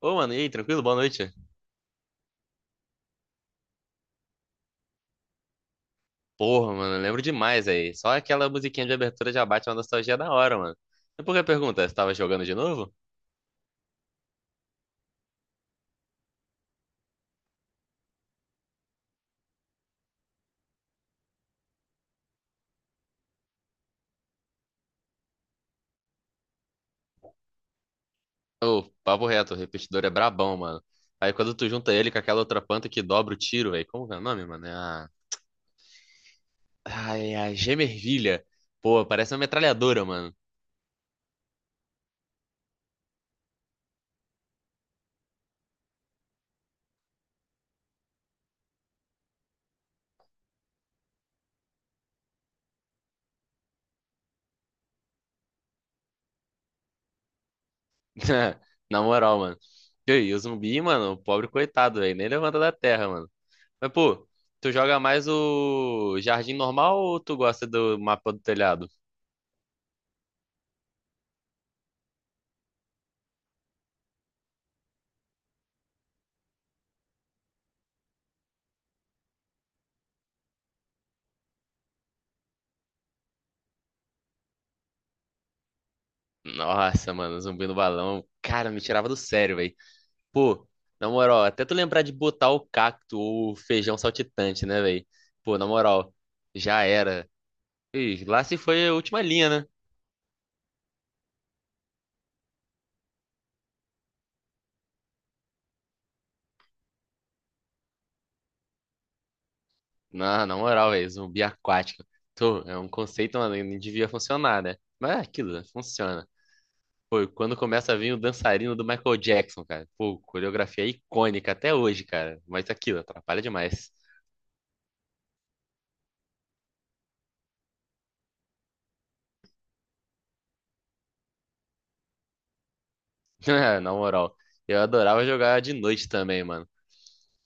Ô, mano, e aí, tranquilo? Boa noite. Porra, mano, eu lembro demais aí. Só aquela musiquinha de abertura já bate uma nostalgia da hora, mano. E por que pergunta? Você tava jogando de novo? Ô, papo reto, o repetidor é brabão, mano. Aí quando tu junta ele com aquela outra planta que dobra o tiro, velho. Como que é o nome, mano? É a. Ai, é a gemervilha. Pô, parece uma metralhadora, mano. Na moral, mano. E aí, o zumbi, mano, o pobre coitado, velho. Nem levanta da terra, mano. Mas, pô, tu joga mais o jardim normal ou tu gosta do mapa do telhado? Nossa, mano, zumbi no balão. Cara, me tirava do sério, velho. Pô, na moral, até tu lembrar de botar o cacto ou o feijão saltitante, né, velho? Pô, na moral, já era. Ih, lá se foi a última linha, né? Na moral, velho, zumbi aquático. Tô, é um conceito, mano, que não devia funcionar, né? Mas é aquilo, né? Funciona. Pô, e quando começa a vir o dançarino do Michael Jackson, cara. Pô, coreografia icônica até hoje, cara. Mas aquilo, atrapalha demais. Na moral, eu adorava jogar de noite também, mano.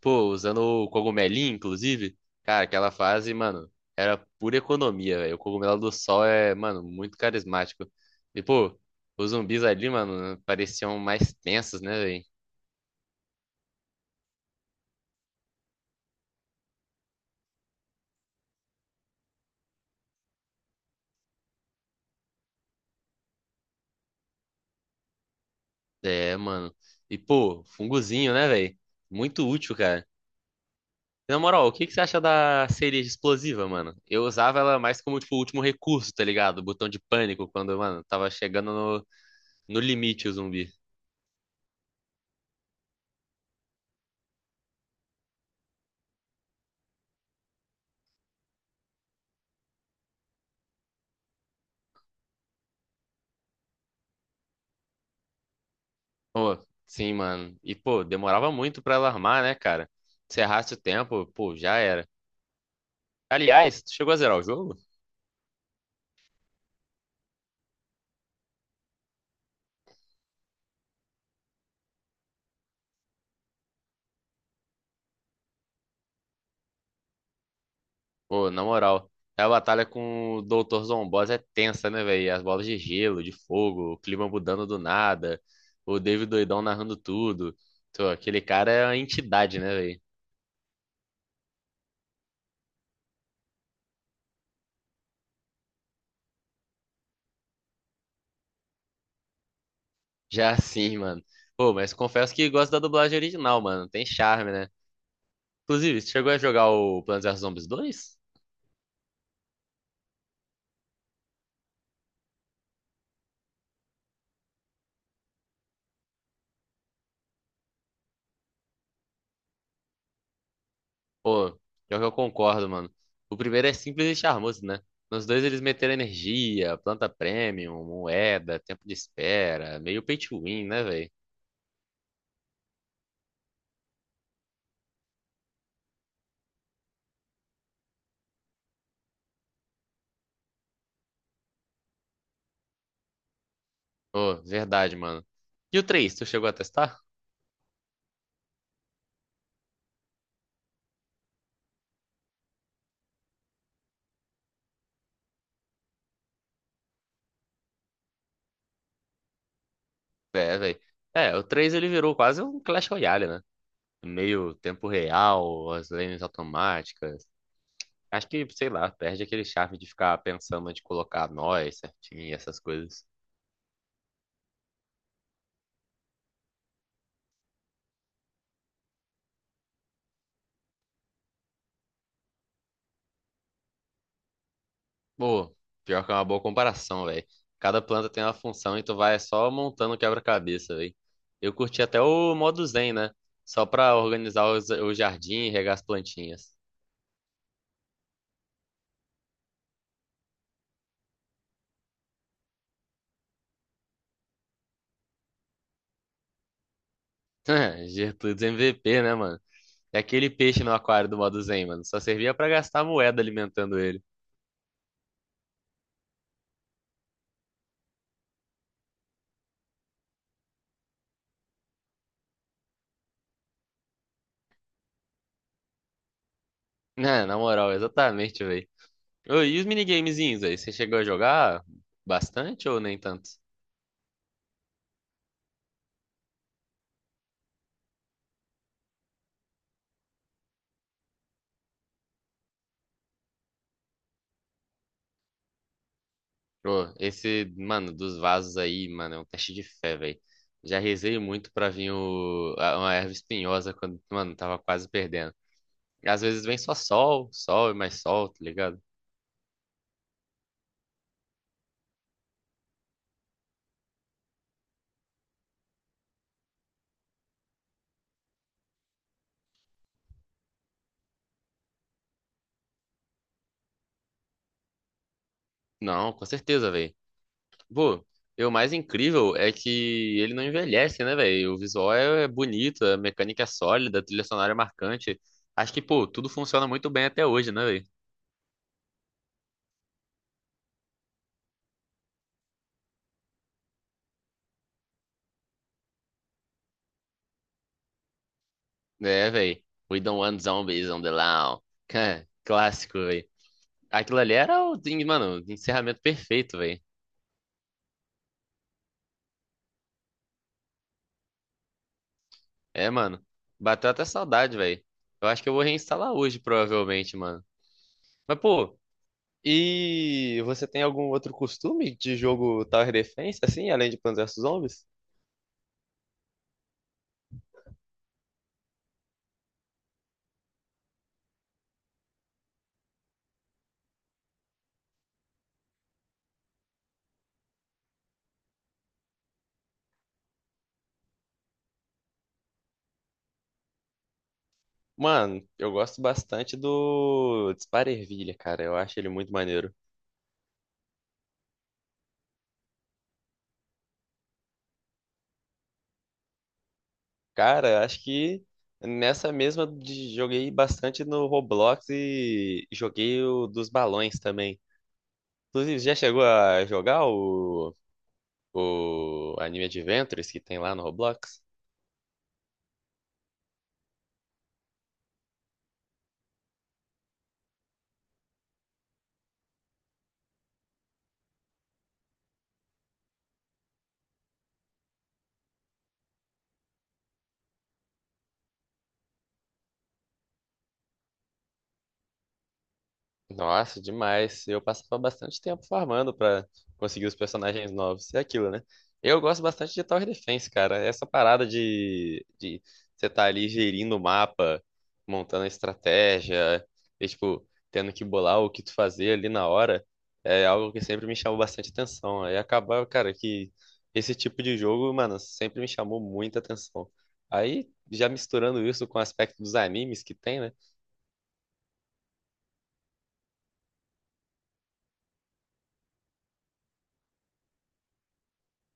Pô, usando o cogumelinho, inclusive. Cara, aquela fase, mano, era pura economia, velho. O cogumelo do sol é, mano, muito carismático. E, pô, os zumbis ali, mano, pareciam mais tensos, né, velho? É, mano. E, pô, fungozinho, né, velho? Muito útil, cara. Na moral, o que que você acha da cereja explosiva, mano? Eu usava ela mais como, tipo, último recurso, tá ligado? Botão de pânico, quando, mano, tava chegando no, no limite o zumbi. Pô, sim, mano. E, pô, demorava muito pra ela armar, né, cara? Se errasse o tempo, pô, já era. Aliás, tu chegou a zerar o jogo? Pô, na moral, a batalha com o Dr. Zomboss é tensa, né, velho? As bolas de gelo, de fogo, o clima mudando do nada, o David doidão narrando tudo. Pô, aquele cara é uma entidade, né, velho? Já assim, mano. Pô, mas confesso que gosto da dublagem original, mano. Tem charme, né? Inclusive, você chegou a jogar o Plants vs Zombies dois? Pô, pior que eu concordo, mano. O primeiro é simples e charmoso, né? Nos dois eles meteram energia, planta premium, moeda, tempo de espera, meio pay to win, né, velho? Pô, verdade, mano. E o 3 tu chegou a testar? É, velho. É, o 3 ele virou quase um Clash Royale, né? Meio tempo real, as lanes automáticas. Acho que, sei lá, perde aquele charme de ficar pensando de colocar nós certinho e essas coisas. Pô, pior que é uma boa comparação, velho. Cada planta tem uma função e tu vai só montando o quebra-cabeça, velho. Eu curti até o modo Zen, né? Só pra organizar o jardim e regar as plantinhas. Gertrudes MVP, né, mano? É aquele peixe no aquário do modo Zen, mano. Só servia pra gastar moeda alimentando ele. Né, na moral, exatamente, velho. E os minigamezinhos aí? Você chegou a jogar bastante ou nem tanto? Pô, esse, mano, dos vasos aí, mano, é um teste de fé, velho. Já rezei muito pra vir uma erva espinhosa quando, mano, tava quase perdendo. E às vezes vem só sol, sol e mais sol, tá ligado? Não, com certeza, velho. Pô, e o mais incrível é que ele não envelhece, né, velho? O visual é bonito, a mecânica é sólida, a trilha sonora é marcante. Acho que, pô, tudo funciona muito bem até hoje, né, velho? É, velho. We don't want zombies on the lawn. Clássico, velho. Aquilo ali era o, mano, o encerramento perfeito, velho. É, mano. Bateu até saudade, velho. Eu acho que eu vou reinstalar hoje, provavelmente, mano. Mas, pô, e você tem algum outro costume de jogo Tower Defense, assim, além de Plants vs Zombies? Mano, eu gosto bastante do Dispara Ervilha, cara. Eu acho ele muito maneiro. Cara, eu acho que nessa mesma joguei bastante no Roblox e joguei o dos balões também. Inclusive, já chegou a jogar o anime Adventures que tem lá no Roblox. Nossa, demais. Eu passava bastante tempo farmando pra conseguir os personagens novos. É aquilo, né? Eu gosto bastante de Tower Defense, cara. Essa parada de você tá ali gerindo o mapa, montando a estratégia, e, tipo, tendo que bolar o que tu fazer ali na hora, é algo que sempre me chamou bastante atenção. Aí acabava, cara, que esse tipo de jogo, mano, sempre me chamou muita atenção. Aí, já misturando isso com o aspecto dos animes que tem, né?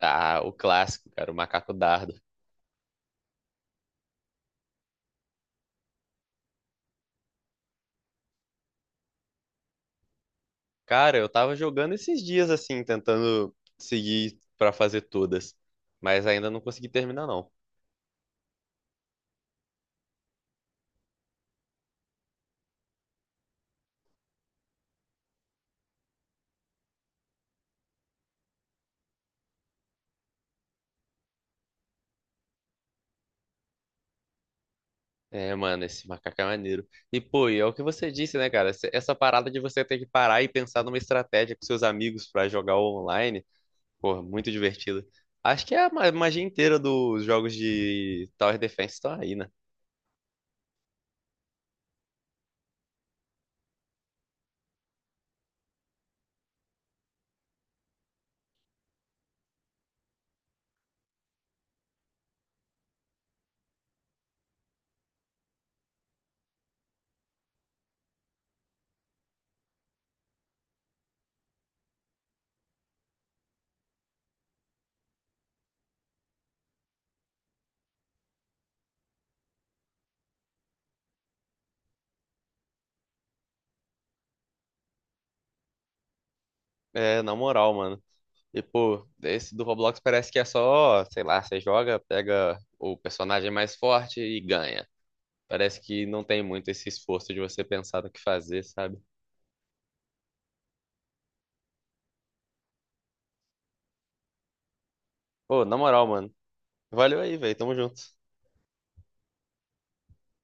Ah, o clássico, cara, o macaco dardo. Cara, eu tava jogando esses dias assim, tentando seguir pra fazer todas, mas ainda não consegui terminar não. É, mano, esse macaco é maneiro. E pô, e é o que você disse, né, cara? Essa parada de você ter que parar e pensar numa estratégia com seus amigos pra jogar online, pô, muito divertido. Acho que é a magia inteira dos jogos de Tower Defense estão aí, né? É, na moral, mano. E pô, esse do Roblox parece que é só, sei lá, você joga, pega o personagem mais forte e ganha. Parece que não tem muito esse esforço de você pensar no que fazer, sabe? Pô, na moral, mano. Valeu aí, velho. Tamo junto.